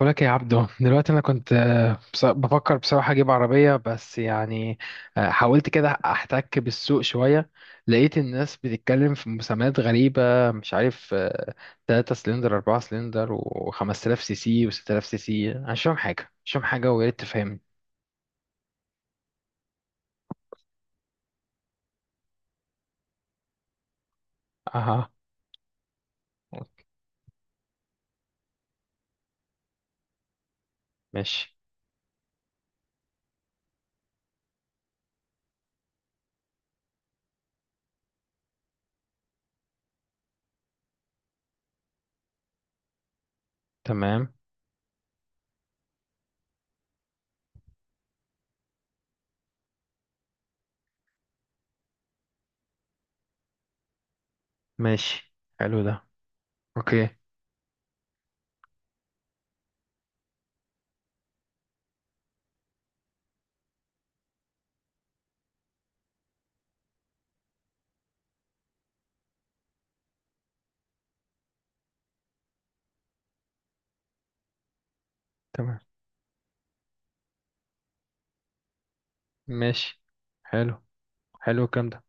بقولك يا عبدو، دلوقتي انا كنت بفكر بصراحه اجيب عربيه، بس يعني حاولت كده احتك بالسوق شويه. لقيت الناس بتتكلم في مسميات غريبه، مش عارف. 3 سلندر، 4 سلندر و5000 سي سي و6000 سي سي. أنا مش فاهم حاجه، مش فاهم حاجه، ويا ريت تفهمني. اها. ماشي. تمام. ماشي. حلو ده. اوكي. تمام. ماشي. حلو. حلو الكلام ده.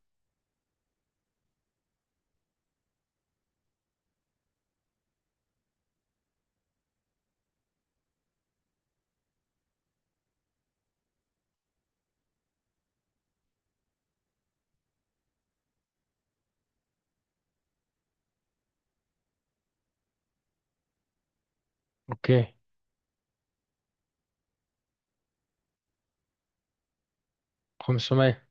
اوكي. 500.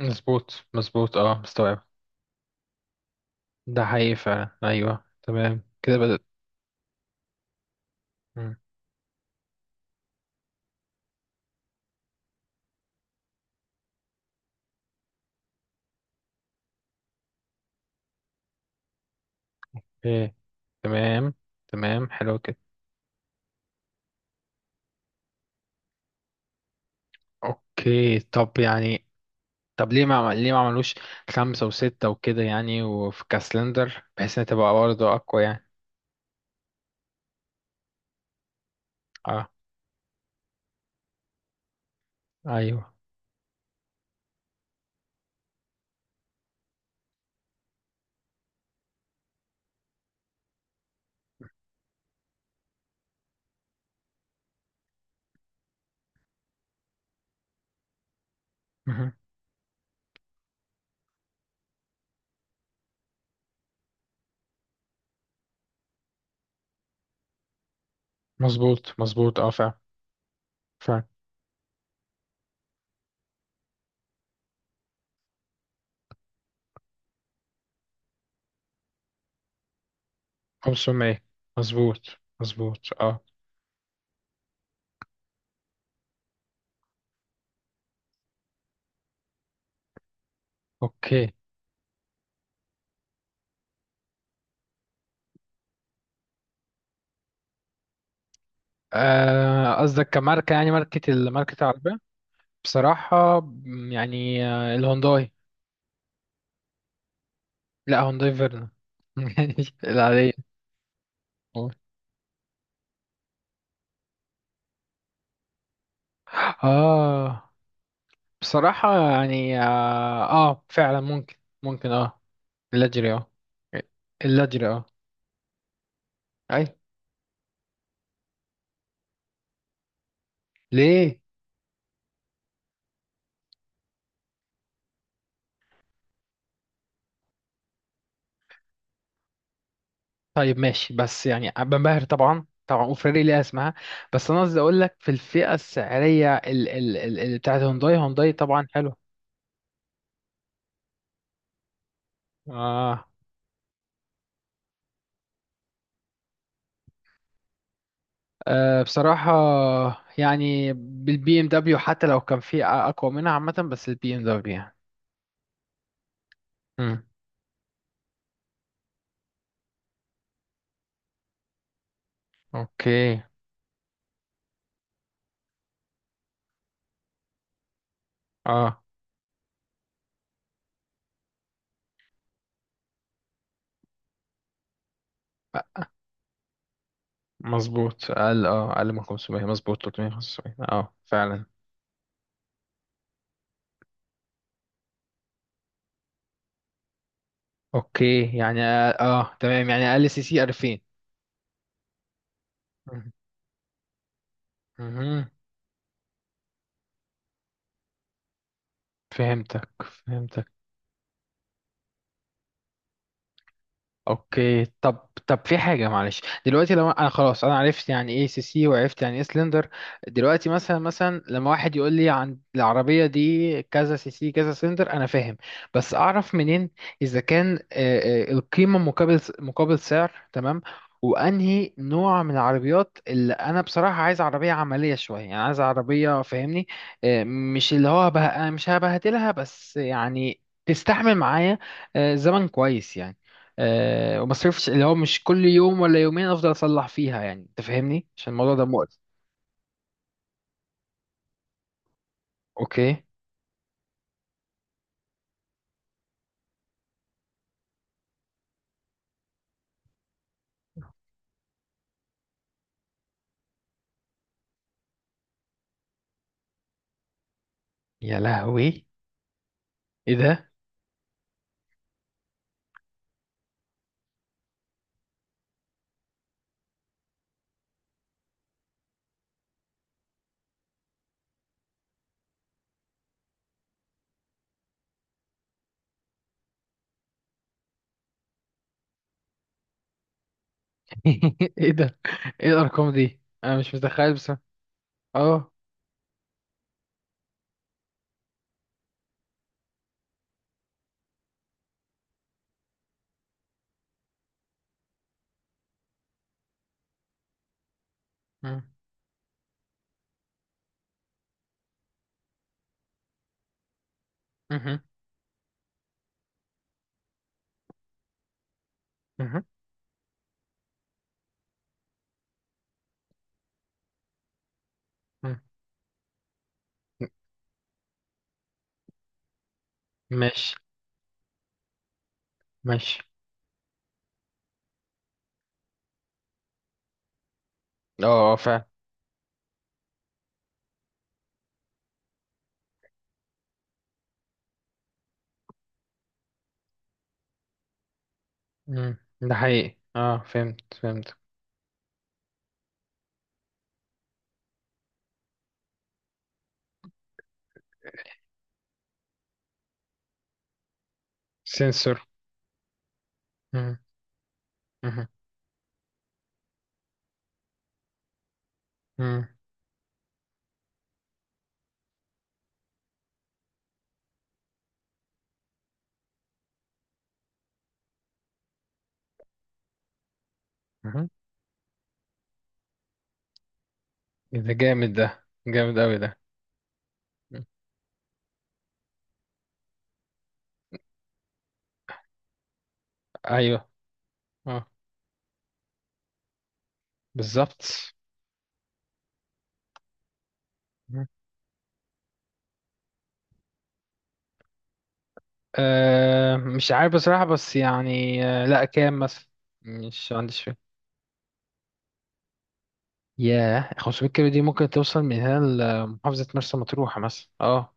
مظبوط مظبوط، اه، مستوعب. ده حقيقي فعلا، ايوه، تمام كده بدأت. مم. ايه. تمام. تمام حلو كده. اوكي، طب يعني. طب ليه ما عملوش خمسة وستة وكده يعني، وفي كاسلندر، بحيث انها تبقى برضه اقوى يعني. اه. ايوه. مهم. مظبوط مظبوط، اه فعلا. فعلا. 500 مظبوط. مظبوط اه. اوكي، قصدك كماركة يعني؟ ماركة ماركة العربية؟ بصراحة، يعني الهونداي. لا، هونداي فيرنا العادية. والله. اه بصراحة يعني فعلا ممكن. ممكن اه. اللاجري اه. اللاجري اه. اي. ليه؟ طيب ماشي، بس يعني بنبهر طبعا طبعا، وفراري ليها اسمها. بس انا قصدي اقول لك في الفئة السعرية بتاعت هونداي. هونداي طبعا حلو. آه. آه، بصراحة يعني بالبي ام دبليو، حتى لو كان في اقوى منها عامة، بس البي ام دبليو يعني. مم. اوكي، اه مظبوط. اقل، اه اقل من 500. مظبوط. 375 اه فعلا. اوكي يعني اه، تمام، يعني اقل سي سي 2000. مهم. مهم. فهمتك فهمتك. اوكي، طب في حاجه، معلش. دلوقتي لو انا خلاص، انا عرفت يعني ايه سي سي، وعرفت يعني ايه سلندر، دلوقتي مثلا مثلا لما واحد يقول لي عن العربيه دي كذا سي سي كذا سلندر، انا فاهم. بس اعرف منين اذا كان القيمه مقابل سعر تمام، وانهي نوع من العربيات اللي انا بصراحه عايز. عربيه عمليه شويه يعني، عايز عربيه، فاهمني؟ مش اللي هو بقى مش هبهدلها، بس يعني تستحمل معايا زمن كويس يعني. أه، وما صرفش اللي هو مش كل يوم ولا يومين افضل اصلح فيها يعني، انت فاهمني؟ عشان الموضوع ده مقرف. اوكي. يا لهوي، ايه ده! ايه ده، ايه الارقام دي، انا مش متخيل بس. اه. مم. مهم. مهم. مم. ماشي ماشي اه. فعلا. مم. ده حقيقي اه، فهمت فهمت. سنسور. مم. مهم. مم. مهم. إيه ده جامد، ده جامد اوي ده. مم. ايوه. اه، بالظبط. أه مش عارف بصراحة، بس يعني أه لا، كام مثلا؟ مش عنديش فكرة. ياه، 500 كيلو دي ممكن توصل من هنا لمحافظة مرسى مطروح مثلا، اه.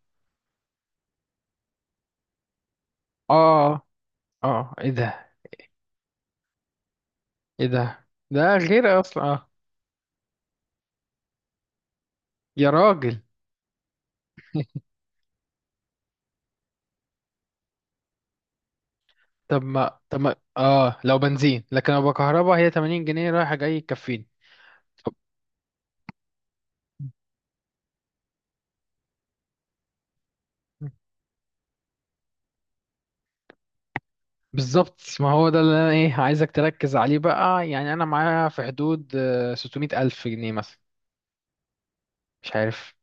اه. اه. آه. ايه ده. ايه ده، ده غير اصلا، اه. يا راجل. طب ما طب ما اه لو بنزين، لكن لو بكهرباء هي 80 جنيه رايحة جاي يكفيني. طب. بالظبط، ما هو ده اللي انا ايه عايزك تركز عليه بقى، يعني انا معايا في حدود 600 الف جنيه مثلا، مش عارف.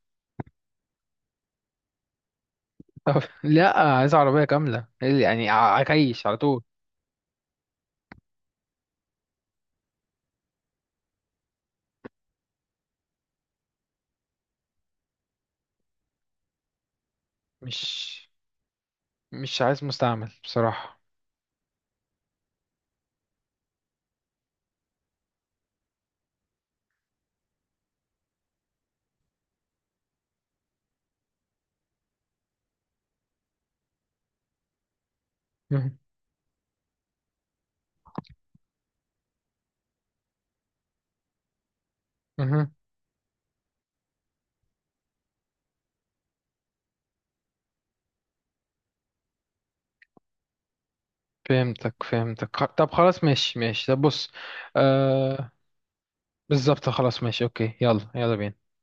طب لا، عايز عربية كاملة يعني. عكيش على طول. مش مش عايز مستعمل بصراحة. مهم. مهم. فهمتك فهمتك. طب خلاص ماشي ماشي، طب بص. آه، بالظبط، خلاص ماشي، اوكي. يلا يلا بينا